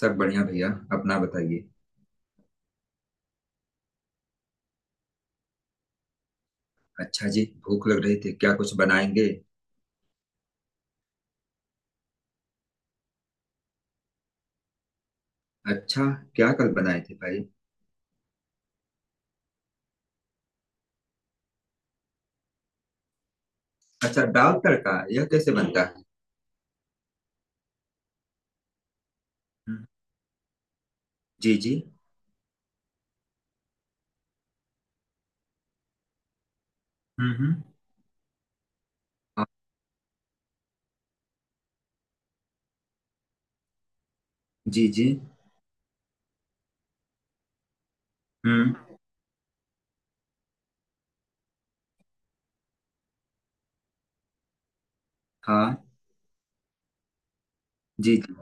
सब बढ़िया भैया। अपना बताइए। अच्छा जी, भूख लग रही थी क्या? कुछ बनाएंगे? अच्छा। क्या कल बनाए थे भाई? अच्छा, दाल तड़का यह कैसे बनता है? हम्म। जी जी। हम्म। हाँ। जी जी। हम्म। हाँ। जी जी।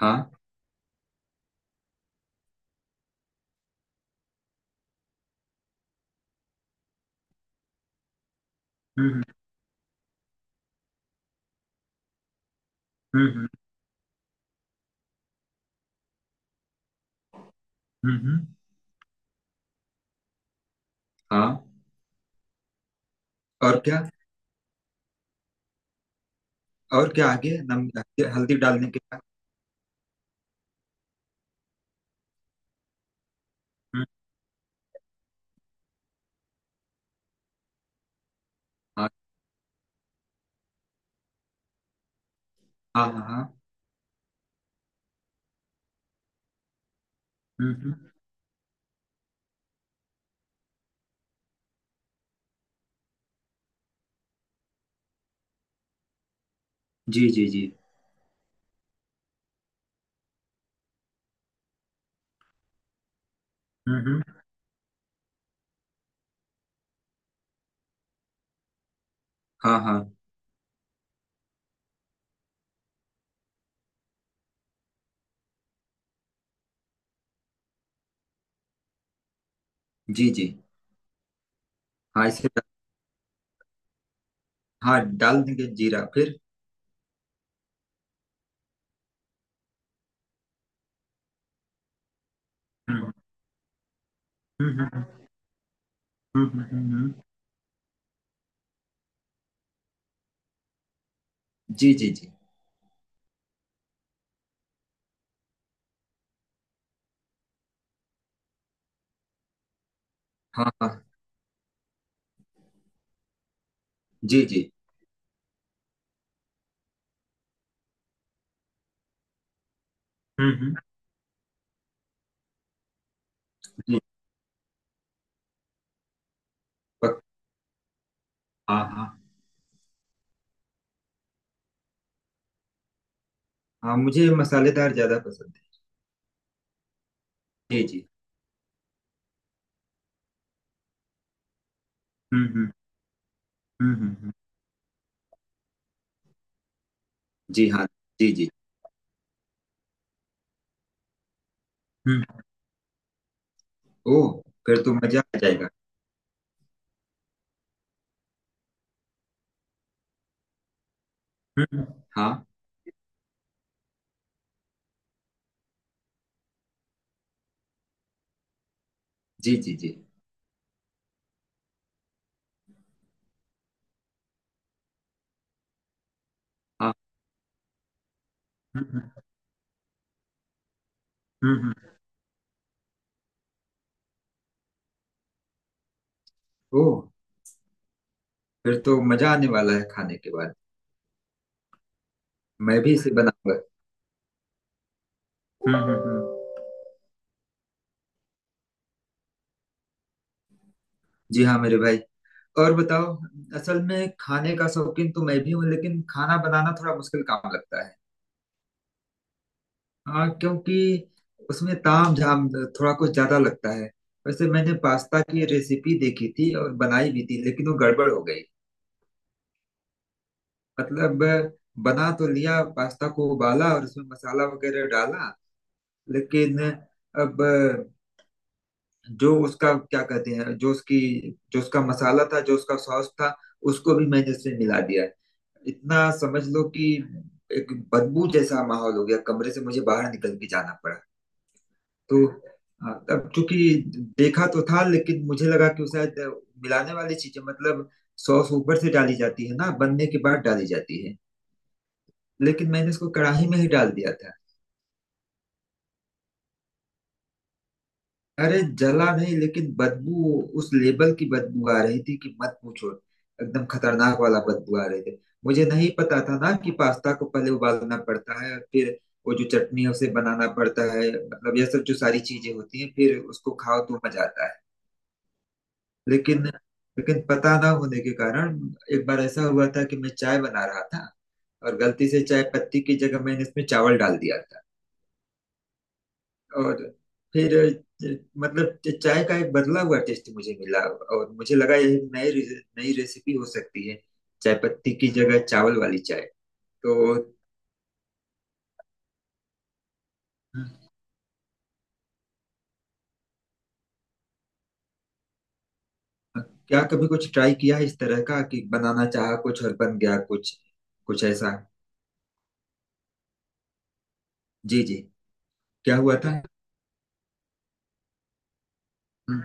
हाँ। हम्म हम्म। हम्म। हम्म। हाँ। और क्या? और क्या आगे नम हल्दी डालने के बाद? हम्म। हाँ हाँ हाँ। हाँ। हम्म हम्म। जी जी जी। हम्म हम्म। हाँ हाँ। जी जी। हाँ इसे। हाँ, डाल देंगे जीरा फिर। हम्म हम्म। हम्म हम्म। हम्म हम्म। जी जी जी। हाँ हाँ। जी जी। हम्म। जी। पक। हाँ हाँ। हाँ, मुझे मसालेदार ज्यादा पसंद है। जी जी। हम्म। हम्म। जी हाँ। जी जी। हम्म। ओह, फिर तो मजा आ जाएगा। हम्म। हाँ। जी जी जी। हाँ। हम्म। हम्म। ओह, फिर तो मजा आने वाला है खाने के बाद। मैं भी इसे बनाऊंगा। हम्म हम्म। जी हाँ मेरे भाई। और बताओ। असल में खाने का शौकीन तो मैं भी हूँ, लेकिन खाना बनाना थोड़ा मुश्किल काम लगता है। हाँ, क्योंकि उसमें ताम झाम थोड़ा कुछ ज्यादा लगता है। वैसे मैंने पास्ता की रेसिपी देखी थी और बनाई भी थी, लेकिन वो गड़बड़ हो गई। मतलब, बना तो लिया, पास्ता को उबाला और उसमें मसाला वगैरह डाला, लेकिन अब जो उसका क्या कहते हैं, जो उसकी, जो उसका मसाला था, जो उसका सॉस था, उसको भी मैंने उसमें मिला दिया। इतना समझ लो कि एक बदबू जैसा माहौल हो गया, कमरे से मुझे बाहर निकल के जाना पड़ा। तो अब चूंकि देखा तो था, लेकिन मुझे लगा कि वो शायद मिलाने वाली चीजें, मतलब सॉस ऊपर से डाली जाती है ना, बनने के बाद डाली जाती है, लेकिन मैंने इसको कढ़ाई में ही डाल दिया था। अरे जला नहीं, लेकिन बदबू, उस लेबल की बदबू आ रही थी कि मत पूछो। एकदम खतरनाक वाला बदबू आ रही थी। मुझे नहीं पता था ना कि पास्ता को पहले उबालना पड़ता है, फिर वो जो चटनी है उसे बनाना पड़ता है, मतलब यह सब जो सारी चीजें होती हैं, फिर उसको खाओ तो मजा आता है। लेकिन, लेकिन पता ना होने के कारण एक बार ऐसा हुआ था कि मैं चाय बना रहा था, और गलती से चाय पत्ती की जगह मैंने इसमें चावल डाल दिया था। और फिर मतलब चाय का एक बदला हुआ टेस्ट मुझे मिला, और मुझे लगा यह एक नई नई रेसिपी हो सकती है। चाय पत्ती की जगह चावल वाली चाय। तो क्या कभी कुछ ट्राई किया है इस तरह का कि बनाना चाहा कुछ और बन गया कुछ, कुछ ऐसा? जी जी। क्या हुआ था? हम्म।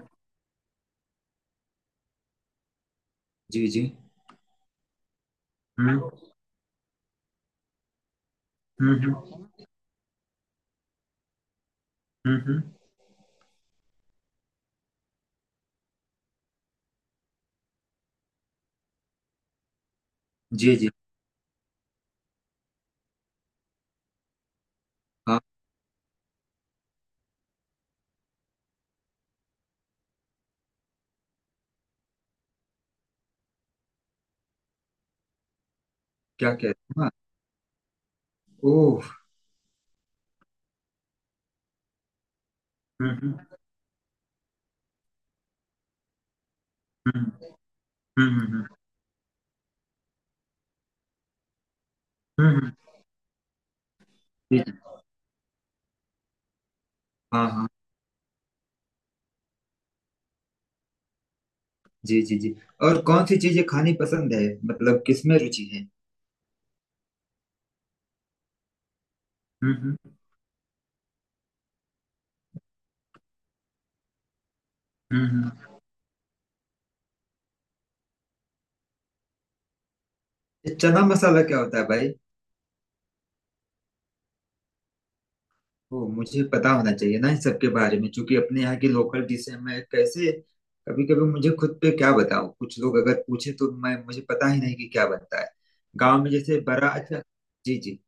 जी जी। हम्म हम्म। हम्म। हम्म। जी जी। आप। क्या कह रहे हैं? ओह। हम्म। हम्म हम्म। हम्म हम्म। हम्म। हम्म। जी जी। हाँ हाँ। जी जी जी। और कौन सी चीजें खानी पसंद है? मतलब किसमें रुचि है? हम्म। हम्म हम्म। ये चना मसाला क्या होता है भाई? ओ, मुझे पता होना चाहिए ना इन सबके बारे में, क्योंकि अपने यहाँ की लोकल डिश है। मैं कैसे, कभी कभी मुझे खुद पे क्या बताऊं, कुछ लोग अगर पूछे तो मैं, मुझे पता ही नहीं कि क्या बनता है। गांव में जैसे बड़ा अच्छा। जी जी।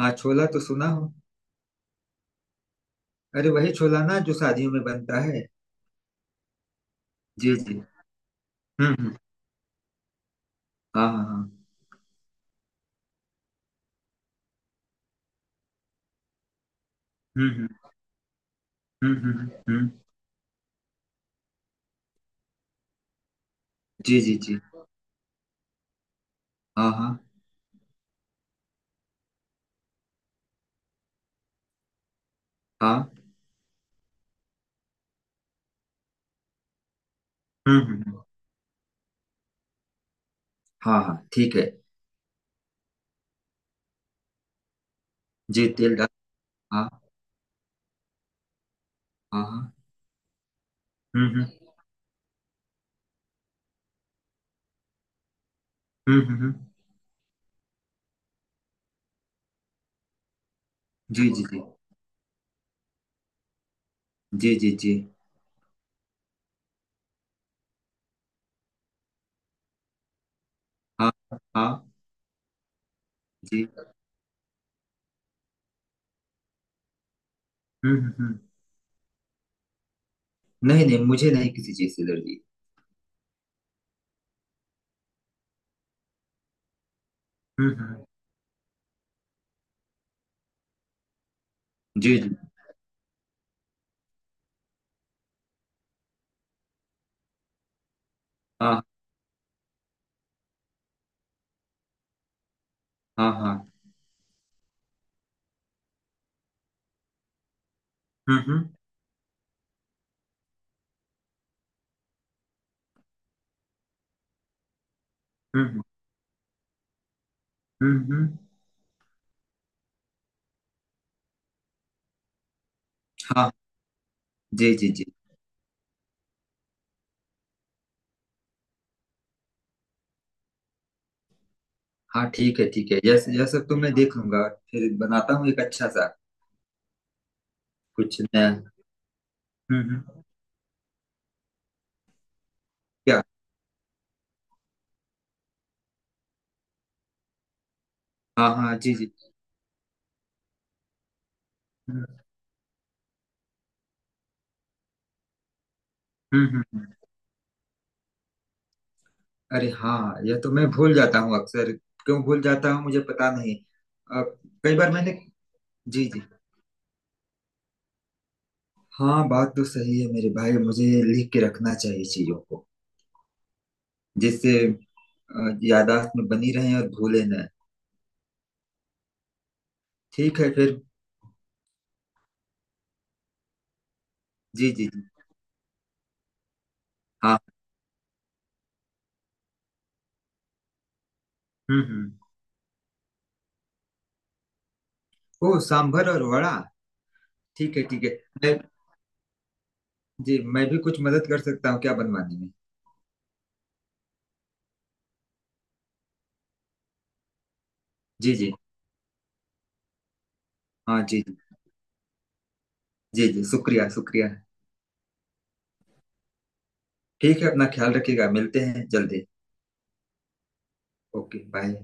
हाँ, छोला तो सुना हूँ। अरे वही छोला ना जो शादियों में बनता है। जी जी। हम्म। हाँ हाँ हाँ। हम्म। हम्म। हम्म। हम्म। जी जी जी। हाँ हाँ हाँ। हम्म। हम्म। हाँ हाँ ठीक है। जी, तेल डाल। हाँ हाँ हाँ। हम्म। हम्म। हम्म। जी जी जी। जी जी जी। हाँ हाँ। जी। हम्म। हम्म। नहीं नहीं, मुझे नहीं किसी चीज़ से एलर्जी। हम्म। जी जी। हाँ हाँ हाँ। हम्म हम्म हम्म। हम्म। हम्म। हाँ। जी जी जी। हाँ, ठीक है ठीक है, यह सब तो मैं देख लूंगा, फिर बनाता हूँ एक अच्छा सा कुछ नया। हम्म। क्या? हाँ हाँ। जी जी। हम्म हम्म। हम्म। अरे हाँ, यह तो मैं भूल जाता हूँ अक्सर। क्यों भूल जाता हूँ मुझे पता नहीं। अ, कई बार मैंने। जी जी। हाँ, बात तो सही है मेरे भाई, मुझे लिख के रखना चाहिए चीजों को, जिससे याददाश्त में बनी रहे और भूले न। ठीक है फिर। जी जी जी। हाँ। हम्म। ओ, सांभर और वड़ा। ठीक है ठीक है। मैं, जी मैं भी कुछ मदद कर सकता हूँ क्या बनवाने में? जी जी। हाँ जी जी। जी जी, शुक्रिया शुक्रिया। ठीक है, अपना ख्याल रखिएगा, मिलते हैं जल्दी। Okay bye.